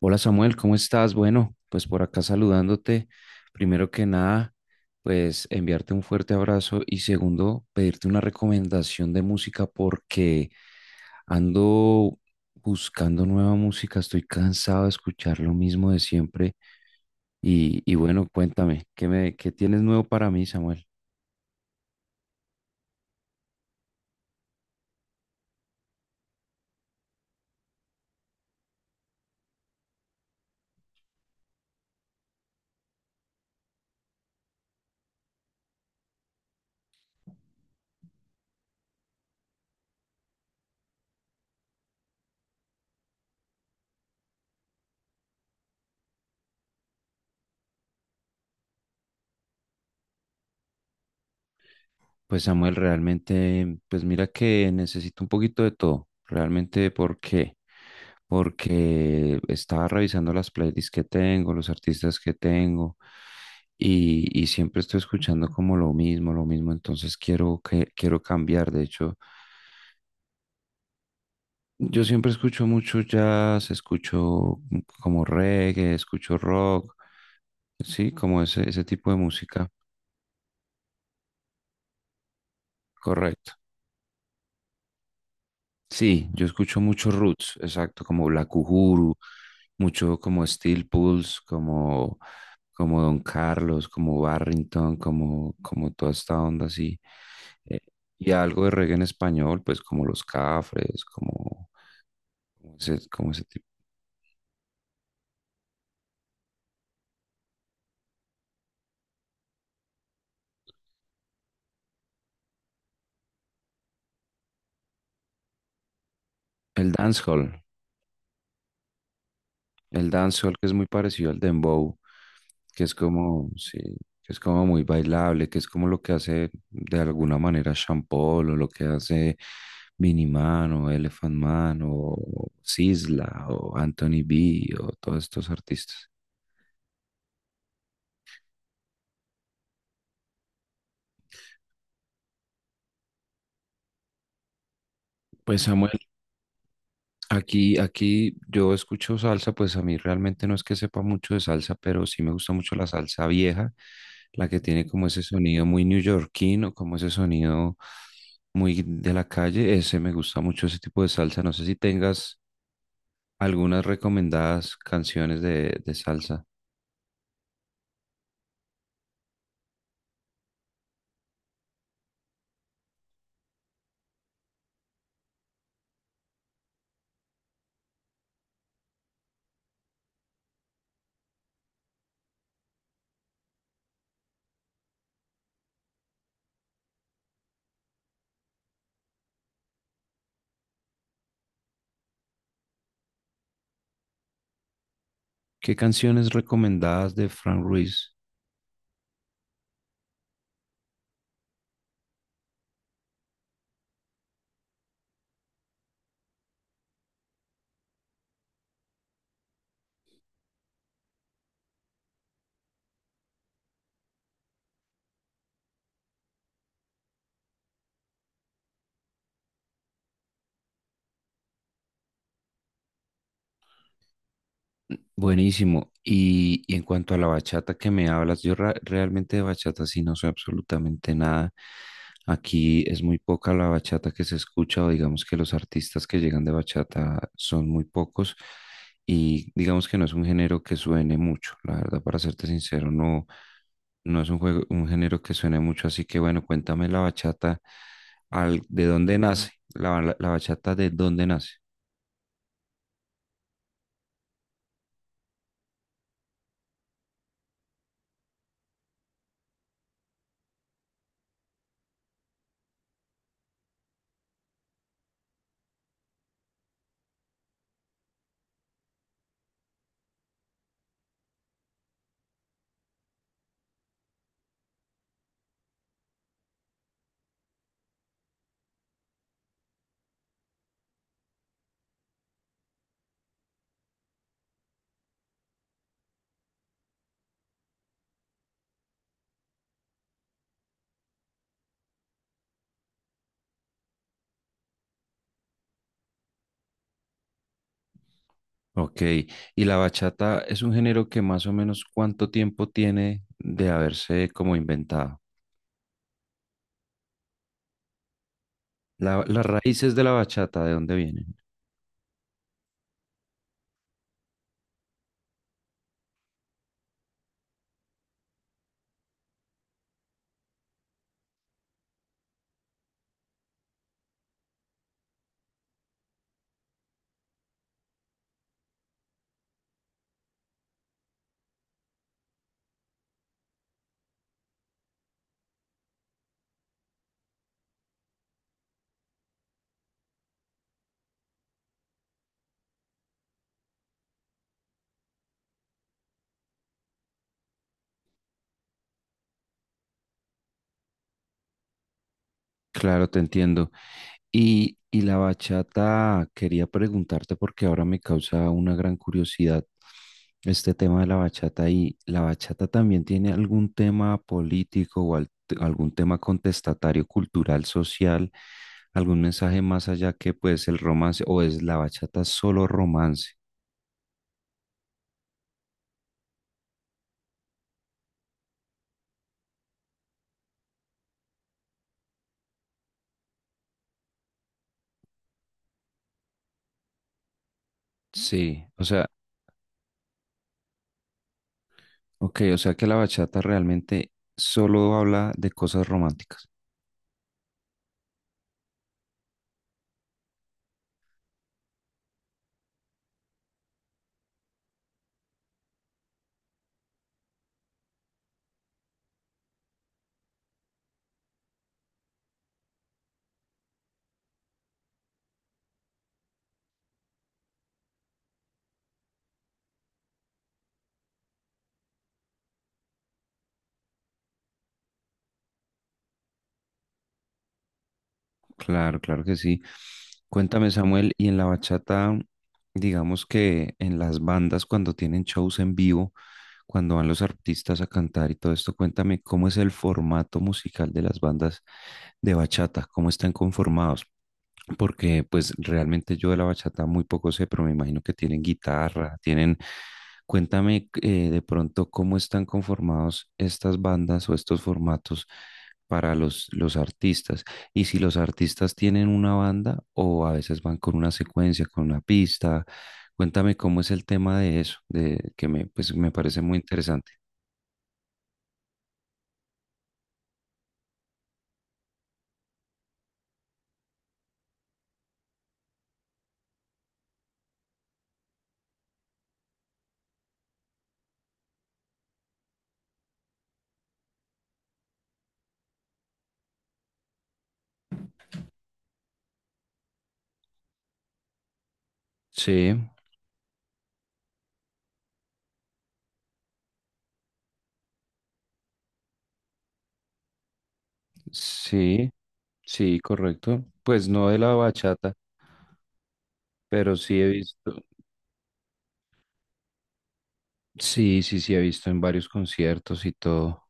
Hola Samuel, ¿cómo estás? Bueno, pues por acá saludándote. Primero que nada, pues enviarte un fuerte abrazo y segundo, pedirte una recomendación de música porque ando buscando nueva música, estoy cansado de escuchar lo mismo de siempre y bueno, cuéntame, ¿qué tienes nuevo para mí, Samuel? Pues Samuel, realmente, pues mira que necesito un poquito de todo, realmente porque estaba revisando las playlists que tengo, los artistas que tengo, y siempre estoy escuchando como lo mismo, entonces quiero cambiar. De hecho, yo siempre escucho mucho jazz, escucho como reggae, escucho rock, sí, como ese tipo de música, correcto. Sí, yo escucho mucho roots, exacto, como Black Uhuru, mucho como Steel Pulse, como, como Don Carlos, como Barrington, como, como toda esta onda así. Eh, y algo de reggae en español, pues como Los Cafres, como, como ese tipo. El dancehall. El dancehall que es muy parecido al dembow, que es como, sí, que es como muy bailable, que es como lo que hace de alguna manera Sean Paul, o lo que hace Miniman o Elephant Man o Sisla o Anthony B o todos estos artistas. Pues Samuel, aquí yo escucho salsa, pues a mí realmente no es que sepa mucho de salsa, pero sí me gusta mucho la salsa vieja, la que tiene como ese sonido muy neoyorquino, como ese sonido muy de la calle. Ese me gusta mucho ese tipo de salsa. No sé si tengas algunas recomendadas canciones de salsa. ¿Qué canciones recomendadas de Frank Ruiz? Buenísimo. Y en cuanto a la bachata que me hablas, yo realmente de bachata sí no sé absolutamente nada. Aquí es muy poca la bachata que se escucha o digamos que los artistas que llegan de bachata son muy pocos y digamos que no es un género que suene mucho. La verdad, para serte sincero, no, no es un juego, un género que suene mucho. Así que bueno, cuéntame la bachata, ¿de dónde nace? La bachata, ¿de dónde nace? Ok, y la bachata es un género que más o menos cuánto tiempo tiene de haberse como inventado. Las raíces de la bachata, ¿de dónde vienen? Claro, te entiendo. Y la bachata, quería preguntarte porque ahora me causa una gran curiosidad este tema de la bachata, y la bachata también tiene algún tema político o algún tema contestatario, cultural, social, algún mensaje más allá que pues el romance, o es la bachata solo romance. Sí, o sea, ok, o sea que la bachata realmente solo habla de cosas románticas. Claro, claro que sí. Cuéntame, Samuel, y en la bachata, digamos que en las bandas, cuando tienen shows en vivo, cuando van los artistas a cantar y todo esto, cuéntame cómo es el formato musical de las bandas de bachata, cómo están conformados. Porque pues realmente yo de la bachata muy poco sé, pero me imagino que tienen guitarra, tienen... Cuéntame de pronto cómo están conformados estas bandas o estos formatos para los artistas. Y si los artistas tienen una banda o a veces van con una secuencia, con una pista, cuéntame cómo es el tema de eso, de pues, me parece muy interesante. Sí, sí, sí, correcto. Pues no de la bachata, pero sí he visto, sí, sí, sí he visto en varios conciertos y todo.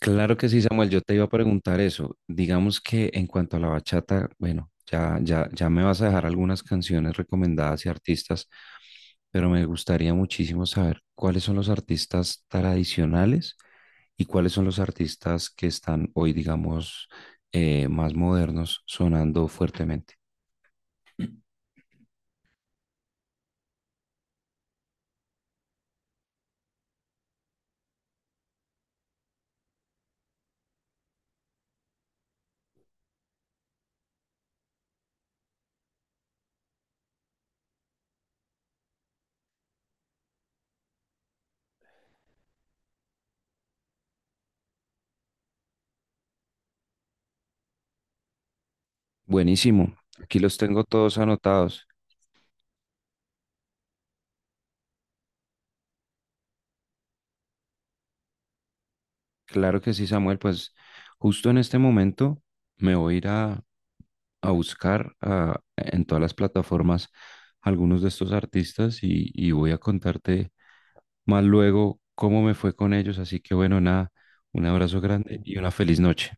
Claro que sí, Samuel. Yo te iba a preguntar eso. Digamos que en cuanto a la bachata, bueno, ya me vas a dejar algunas canciones recomendadas y artistas, pero me gustaría muchísimo saber cuáles son los artistas tradicionales y cuáles son los artistas que están hoy, digamos, más modernos, sonando fuertemente. Buenísimo. Aquí los tengo todos anotados. Claro que sí, Samuel. Pues justo en este momento me voy a ir a buscar en todas las plataformas algunos de estos artistas, y voy a contarte más luego cómo me fue con ellos. Así que bueno, nada, un abrazo grande y una feliz noche.